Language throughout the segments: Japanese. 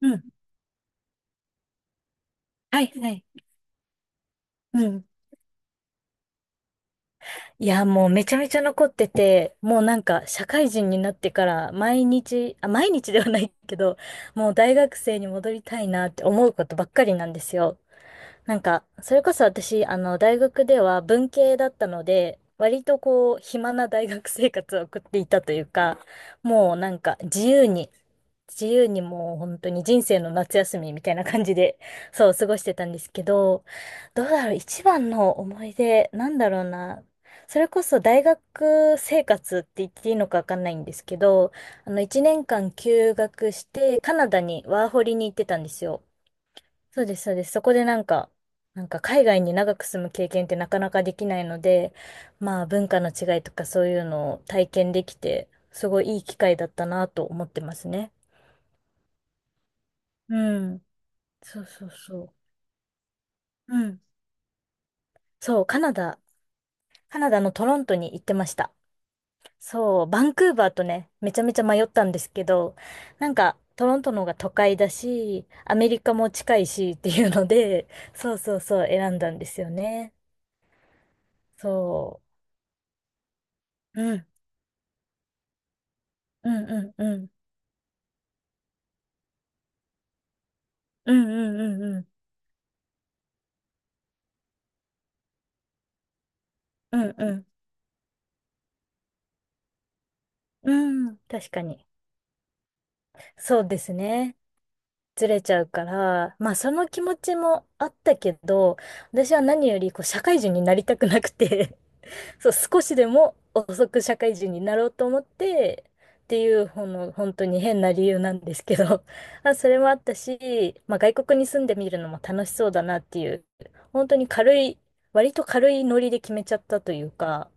うん。はい、はい。うん。いや、もうめちゃめちゃ残ってて、もうなんか社会人になってから毎日、あ、毎日ではないけど、もう大学生に戻りたいなって思うことばっかりなんですよ。なんか、それこそ私、大学では文系だったので、割とこう、暇な大学生活を送っていたというか、もうなんか自由に、自由にもう本当に人生の夏休みみたいな感じで、そう、過ごしてたんですけど、どうだろう、一番の思い出、なんだろうな。それこそ大学生活って言っていいのかわかんないんですけど、一年間休学して、カナダにワーホリに行ってたんですよ。そうです、そうです。そこでなんか、海外に長く住む経験ってなかなかできないので、まあ文化の違いとかそういうのを体験できて、すごいいい機会だったなと思ってますね。うん。そうそうそう。うん。そう、カナダ、カナダのトロントに行ってました。そう、バンクーバーとね、めちゃめちゃ迷ったんですけど、なんかトロントの方が都会だし、アメリカも近いしっていうので、そうそうそう、選んだんですよね。そう。うんうんうんうん。うんうんうんうん。うんうん。うん。確かに。そうですね。ずれちゃうから、まあその気持ちもあったけど、私は何よりこう社会人になりたくなくて。 そう、少しでも遅く社会人になろうと思って、っていう、ほんの、本当に変な理由なんですけど、あ、それもあったし、まあ外国に住んでみるのも楽しそうだなっていう、本当に軽い、割と軽いノリで決めちゃったというか、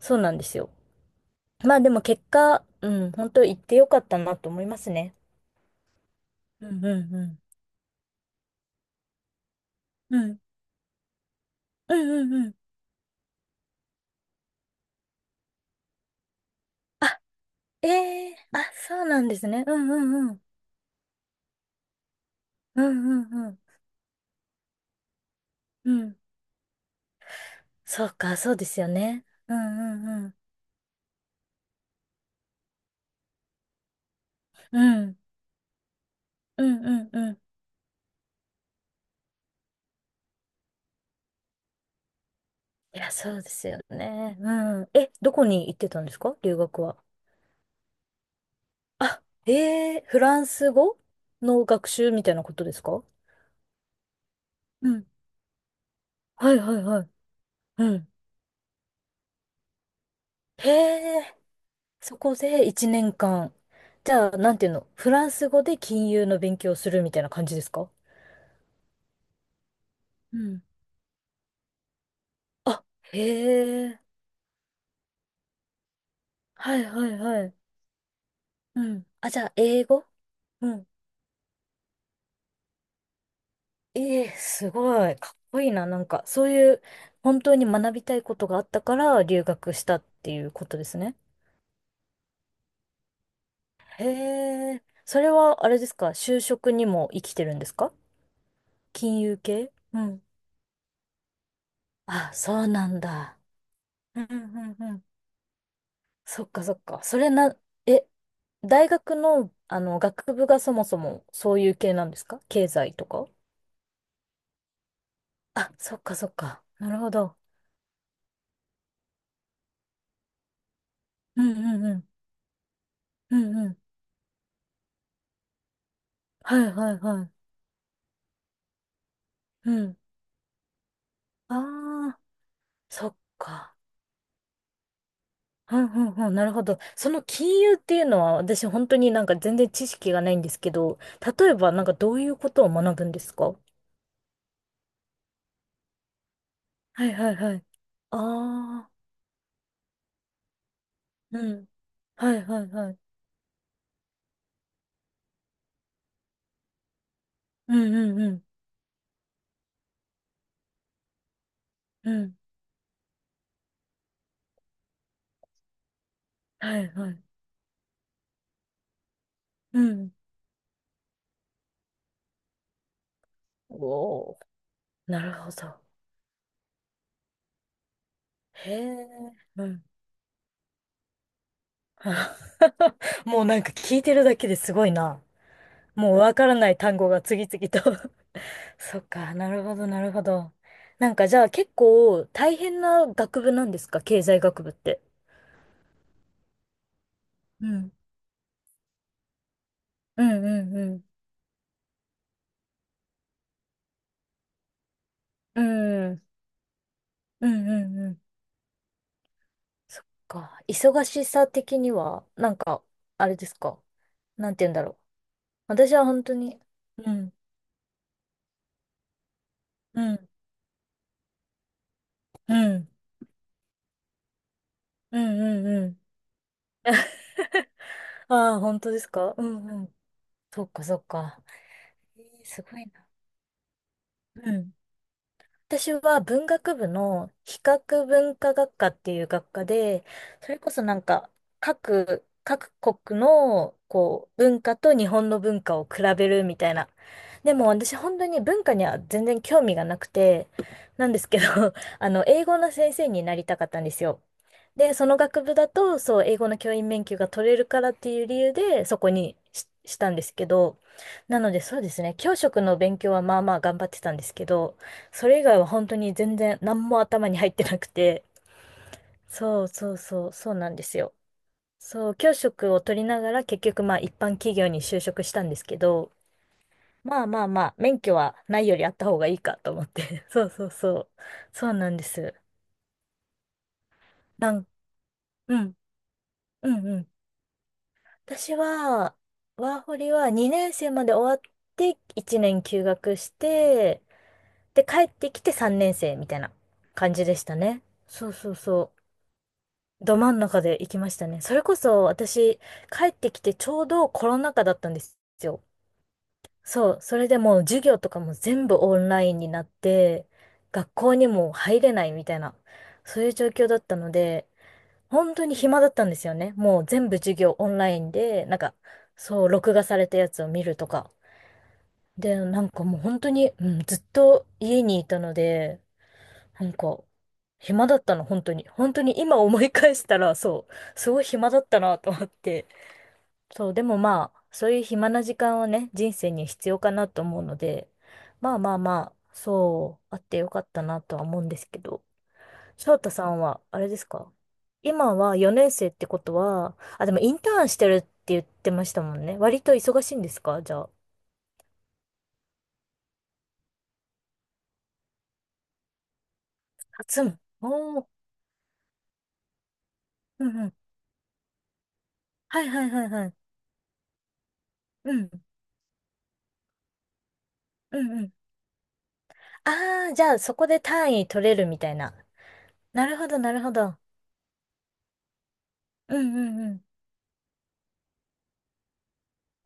そうなんですよ。まあでも結果、うん、本当行ってよかったなと思いますね。うんうんうん。うん。うんうんうん。あ、ええ、あ、そうなんですね。うんうんうん。うんうんうん。うん。そうか、そうですよね。うんうんうん。うん。うんうんうん。いや、そうですよね。うん。え、どこに行ってたんですか、留学は？あ、ええ、フランス語の学習みたいなことですか？うん。はいはいはい。うん。へえ。そこで1年間。じゃあ、なんていうの、フランス語で金融の勉強をするみたいな感じですか？うん。あ、へえ。はいはいはい。うん。あ、じゃあ、英語？うん。ええ、すごい。かっこいいな。なんか、そういう、本当に学びたいことがあったから、留学したっていうことですね。へえ。それは、あれですか、就職にも生きてるんですか？金融系？うん。あ、そうなんだ。うんうんうん。そっかそっか。それな、え、大学の、学部がそもそもそういう系なんですか、経済とか？あ、そっかそっか。なるほど。うんうんうん。うんうん。はいはいはい。うん。ああ、そっか。うんうんうん。なるほど。その金融っていうのは私本当になんか全然知識がないんですけど、例えばなんかどういうことを学ぶんですか？はいはいはい。ああ、うん。はいはいはい。うんうんうん。うん。はいはい。うん。おお、なるほど。へえ。うん。あ。 もうなんか聞いてるだけですごいな。もうわからない単語が次々と。 そっか、なるほど、なるほど。なんかじゃあ結構大変な学部なんですか、経済学部って？うん。うんうんうん。うん。うんうんうん。そっか。忙しさ的には、なんか、あれですか。なんて言うんだろう。私は本当に、うん、うん、うん、うん、うん、うん。ああ、本当ですか？うんうん。そっかそっか。えー、すごいな。うん。私は文学部の比較文化学科っていう学科で、それこそなんか各国のこう文化と日本の文化を比べるみたいな。でも私本当に文化には全然興味がなくて、なんですけど、英語の先生になりたかったんですよ。で、その学部だと、そう、英語の教員免許が取れるからっていう理由で、そこにし、したんですけど、なのでそうですね、教職の勉強はまあまあ頑張ってたんですけど、それ以外は本当に全然何も頭に入ってなくて。そうそうそう、そうなんですよ。そう、教職を取りながら結局まあ一般企業に就職したんですけど、まあまあまあ、免許はないよりあった方がいいかと思って。そうそうそう。そうなんです。なん、うん、うんうん。私は、ワーホリは2年生まで終わって1年休学して、で、帰ってきて3年生みたいな感じでしたね。そうそうそう。ど真ん中で行きましたね。それこそ私、帰ってきてちょうどコロナ禍だったんですよ。そう、それでもう授業とかも全部オンラインになって、学校にも入れないみたいな、そういう状況だったので、本当に暇だったんですよね。もう全部授業オンラインで、なんか、そう、録画されたやつを見るとか。で、なんかもう本当に、うん、ずっと家にいたので、なんか、暇だったの、本当に。本当に今思い返したら、そう、すごい暇だったなと思って。そう、でもまあ、そういう暇な時間はね、人生に必要かなと思うので、まあまあまあ、そう、あってよかったなとは思うんですけど、翔太さんは、あれですか、今は4年生ってことは、あ、でもインターンしてるって言ってましたもんね。割と忙しいんですか、じゃあ？初の。おー。うんうん。はいはいはいはい。うん。うんうん。ああ、じゃあそこで単位取れるみたいな。なるほど、なるほど。うんうんうん。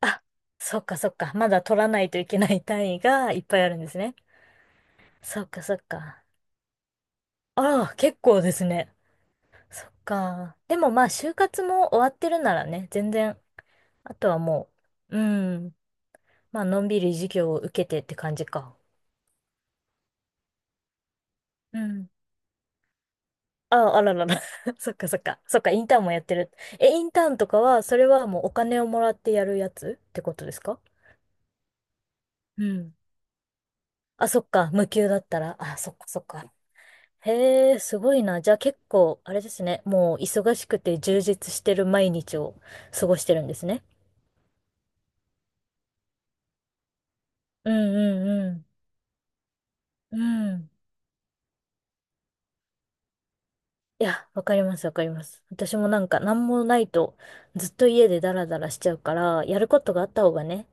あ、そっかそっか。まだ取らないといけない単位がいっぱいあるんですね。そっかそっか。あら、結構ですね。そっか。でもまあ、就活も終わってるならね、全然、あとはもう、うん。まあ、のんびり授業を受けてって感じか。うん。あ、あららら。そっかそっか。そっか、インターンもやってる。え、インターンとかは、それはもうお金をもらってやるやつってことですか？うん。あ、そっか。無給だったら。あ、そっかそっか。へえ、すごいな。じゃあ結構、あれですね。もう忙しくて充実してる毎日を過ごしてるんですね。うんうんうん。うん。いや、わかります、わかります。私もなんか何もないとずっと家でダラダラしちゃうから、やることがあった方がね、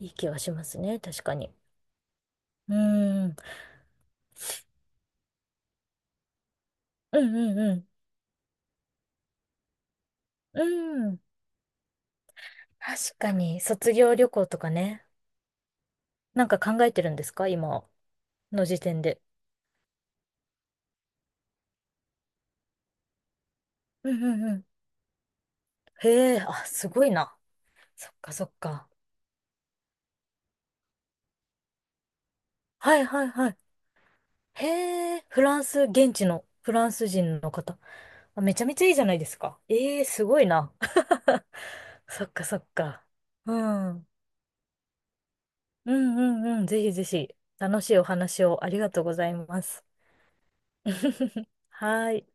いい気はしますね。確かに。うん。うんうんうん。うん。確かに、卒業旅行とかね。なんか考えてるんですか、今の時点で？ううん、うん、へえ、あ、すごいな。そっかそっか。はいはいはい。へえ、フランス、現地のフランス人の方？あ、めちゃめちゃいいじゃないですか。ええ、すごいな。そっかそっか。うん。うんうんうん。ぜひぜひ、楽しいお話をありがとうございます。はい。